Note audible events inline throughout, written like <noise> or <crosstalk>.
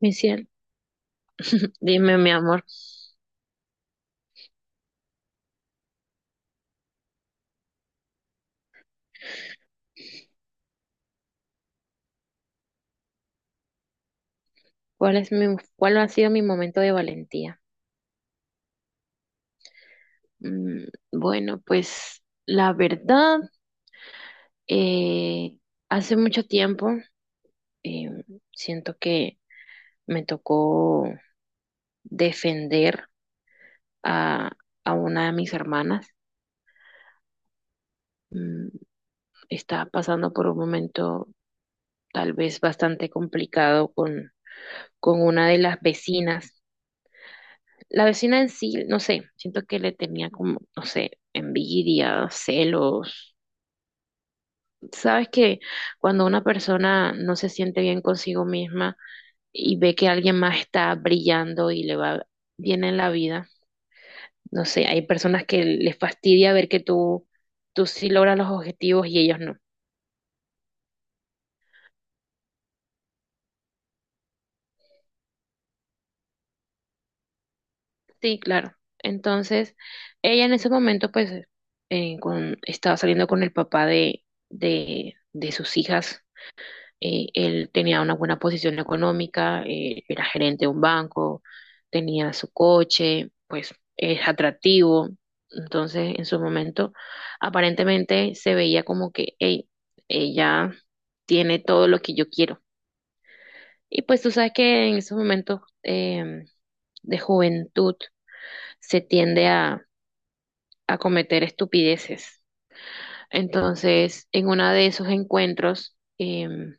Mi cielo, dime, mi amor, ¿cuál es mi, cuál ha sido mi momento de valentía? Mm, bueno, pues la verdad, eh, hace mucho tiempo eh, siento que me tocó defender a, a una de mis hermanas. Mm, está pasando por un momento tal vez bastante complicado con una de las vecinas. La vecina en sí, no sé, siento que le tenía como, no sé, envidia, celos. Sabes que cuando una persona no se siente bien consigo misma y ve que alguien más está brillando y le va bien en la vida, no sé, hay personas que les fastidia ver que tú sí logras los objetivos y ellos no. Sí, claro. Entonces, ella en ese momento, pues, estaba saliendo con el papá de sus hijas. Él tenía una buena posición económica, era gerente de un banco, tenía su coche, pues es atractivo. Entonces, en su momento, aparentemente se veía como que, hey, ella tiene todo lo que yo quiero. Y pues tú sabes que en esos momentos de juventud se tiende a cometer estupideces. Entonces, en uno de esos encuentros,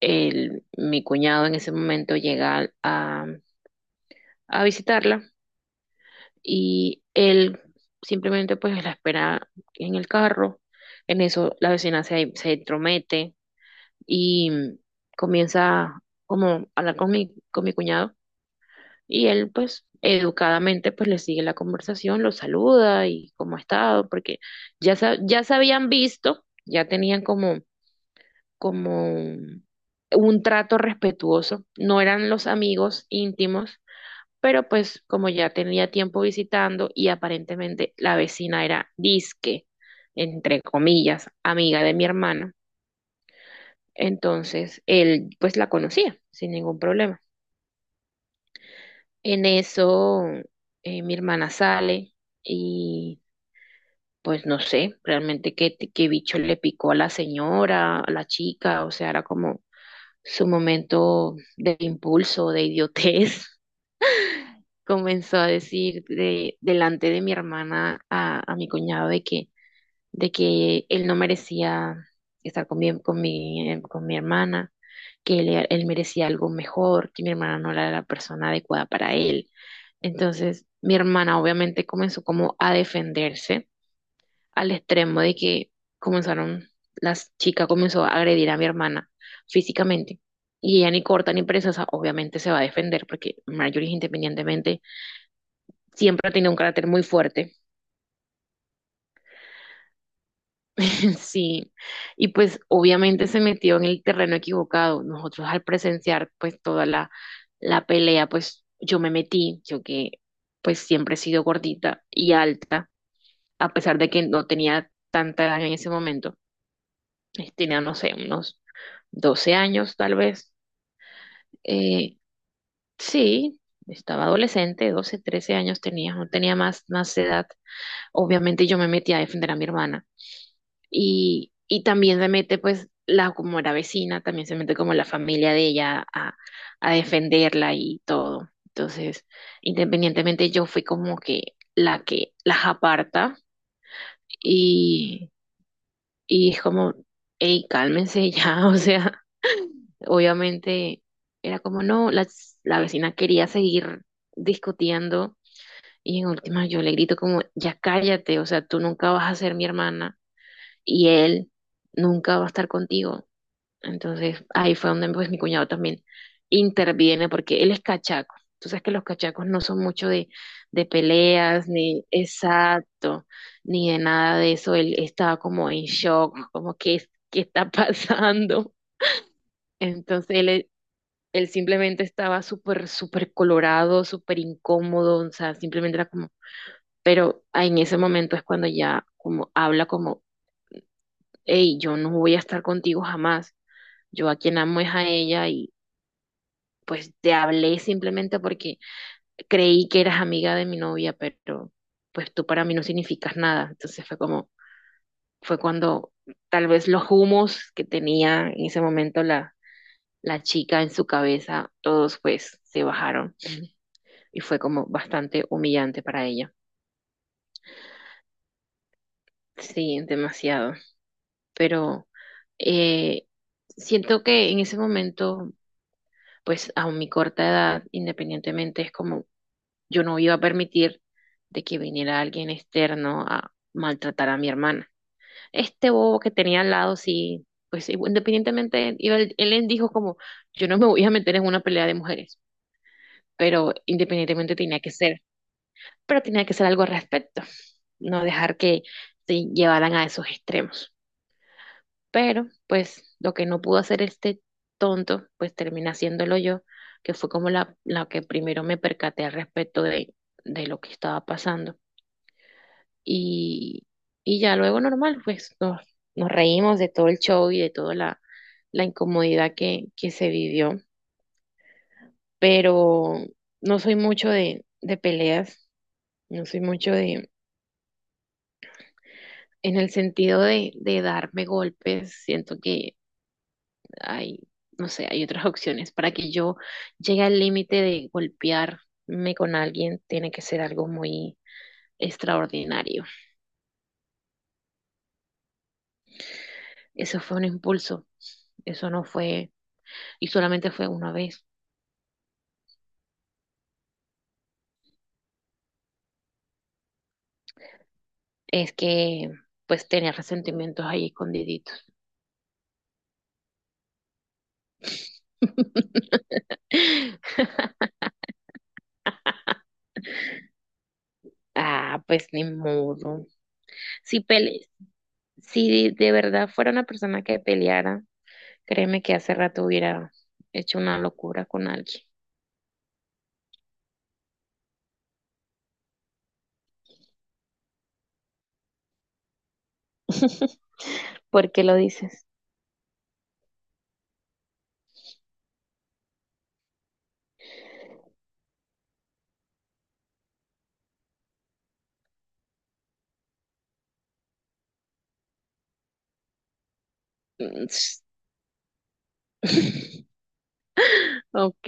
mi cuñado en ese momento llega a visitarla y él simplemente pues la espera en el carro. En eso la vecina se entromete y comienza como a hablar con mi cuñado, y él pues educadamente pues le sigue la conversación, lo saluda y cómo ha estado, porque ya, ya se habían visto, ya tenían como como un trato respetuoso. No eran los amigos íntimos, pero pues como ya tenía tiempo visitando y aparentemente la vecina era disque, entre comillas, amiga de mi hermana, entonces él pues la conocía sin ningún problema. En eso mi hermana sale y pues no sé realmente qué bicho le picó a la señora, a la chica, o sea, era como su momento de impulso, de idiotez, <laughs> comenzó a decir delante de mi hermana a mi cuñado de que él no merecía estar con mi hermana, que él merecía algo mejor, que mi hermana no era la persona adecuada para él. Entonces, mi hermana obviamente comenzó como a defenderse al extremo de que comenzaron, las chicas comenzó a agredir a mi hermana físicamente. Y ella ni corta ni preciosa, obviamente se va a defender, porque Marjorie, independientemente, siempre ha tenido un carácter muy fuerte. <laughs> Sí. Y pues obviamente se metió en el terreno equivocado. Nosotros al presenciar pues toda la pelea, pues yo me metí, yo que pues siempre he sido gordita y alta, a pesar de que no tenía tanta edad en ese momento. Eh, tenía, no sé, unos 12 años tal vez. Eh, sí, estaba adolescente, 12 13 años tenía, no tenía más, más edad. Obviamente yo me metí a defender a mi hermana y también se mete pues la, como era vecina, también se mete como la familia de ella a defenderla y todo. Entonces, independientemente yo fui como que la que las aparta y, y es como, hey, cálmense ya, <laughs> o sea, obviamente era como no, la vecina quería seguir discutiendo, y en última yo le grito como, ya cállate, o sea, tú nunca vas a ser mi hermana y él nunca va a estar contigo. Entonces ahí fue donde pues mi cuñado también interviene porque él es cachaco. Tú sabes que los cachacos no son mucho de peleas, ni exacto, ni de nada de eso. Él estaba como en shock, como que qué está <laughs> pasando. Entonces él simplemente estaba súper, súper colorado, súper incómodo, o sea, simplemente era como, pero en ese momento es cuando ya como habla como, hey, yo no voy a estar contigo jamás, yo a quien amo es a ella, y pues te hablé simplemente porque creí que eras amiga de mi novia, pero pues tú para mí no significas nada. Entonces fue cuando tal vez los humos que tenía en ese momento la chica en su cabeza, todos pues se bajaron, y fue como bastante humillante para ella. Sí, demasiado. Pero eh, siento que en ese momento, pues a mi corta edad, independientemente, es como yo no iba a permitir de que viniera alguien externo a maltratar a mi hermana. Este bobo que tenía al lado, sí, pues independientemente, iba él dijo como, yo no me voy a meter en una pelea de mujeres, pero independientemente tenía que ser. Pero tenía que hacer algo al respecto, no dejar que se llevaran a esos extremos. Pero, pues, lo que no pudo hacer este tonto, pues termina haciéndolo yo, que fue como la que primero me percaté al respecto de lo que estaba pasando. Y, y ya luego normal, nos reímos de todo el show y de toda la incomodidad que se vivió, pero no soy mucho de peleas, no soy mucho de, en el sentido de darme golpes. Siento que hay, no sé, hay otras opciones. Para que yo llegue al límite de golpearme con alguien, tiene que ser algo muy extraordinario. Eso fue un impulso, eso no fue, y solamente fue una vez. Es que pues tenía resentimientos ahí escondiditos. <laughs> Ah, pues ni modo. Si pele, si de verdad fuera una persona que peleara, créeme que hace rato hubiera hecho una locura con alguien. <laughs> ¿Por qué lo dices? Mm. <laughs> Ok,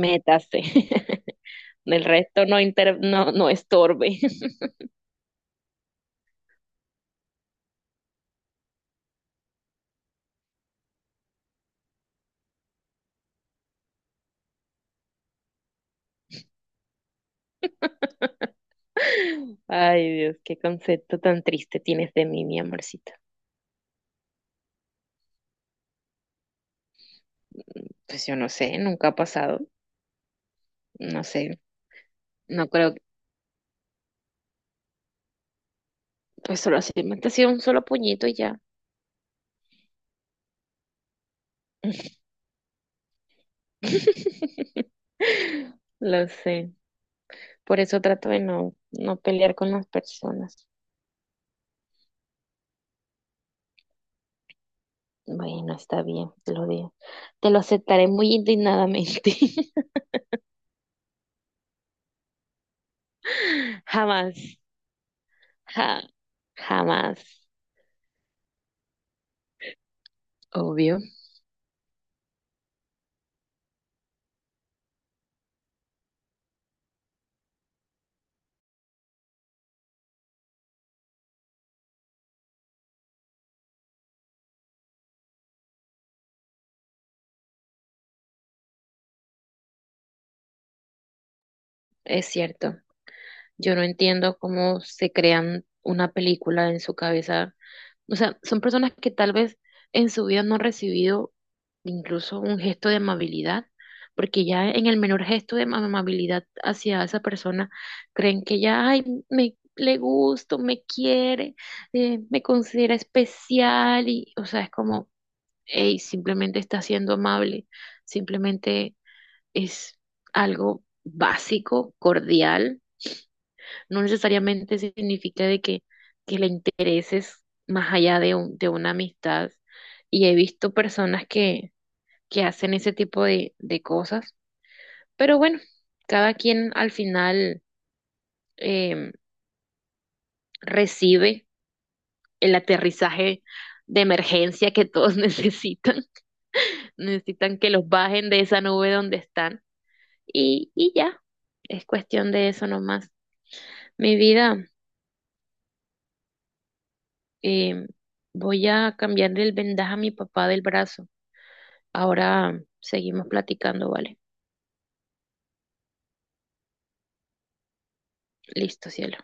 métase. <laughs> Del resto no, inter no, no estorbe. <laughs> Ay, Dios, qué concepto tan triste tienes de mí, mi amorcito. Pues yo no sé, nunca ha pasado. No sé, no creo que... Pues solo así, me ha sido un solo puñito y ya. <laughs> Lo sé. Por eso trato de no, no pelear con las personas. Bueno, está bien, te lo digo. Te lo aceptaré muy indignadamente. <laughs> Jamás, ja- jamás. Obvio. Es cierto. Yo no entiendo cómo se crean una película en su cabeza. O sea, son personas que tal vez en su vida no han recibido incluso un gesto de amabilidad, porque ya en el menor gesto de amabilidad hacia esa persona creen que ya, ay, me le gusto, me quiere, me considera especial y, o sea, es como, hey, simplemente está siendo amable, simplemente es algo básico, cordial, no necesariamente significa que le intereses más allá de, de una amistad. Y he visto personas que hacen ese tipo de cosas. Pero bueno, cada quien al final em, recibe el aterrizaje de emergencia que todos <laughs> necesitan. Necesitan que los bajen de esa nube donde están. Y ya, es cuestión de eso nomás. Mi vida, em, voy a cambiarle el vendaje a mi papá del brazo. Ahora seguimos platicando, ¿vale? Listo, cielo.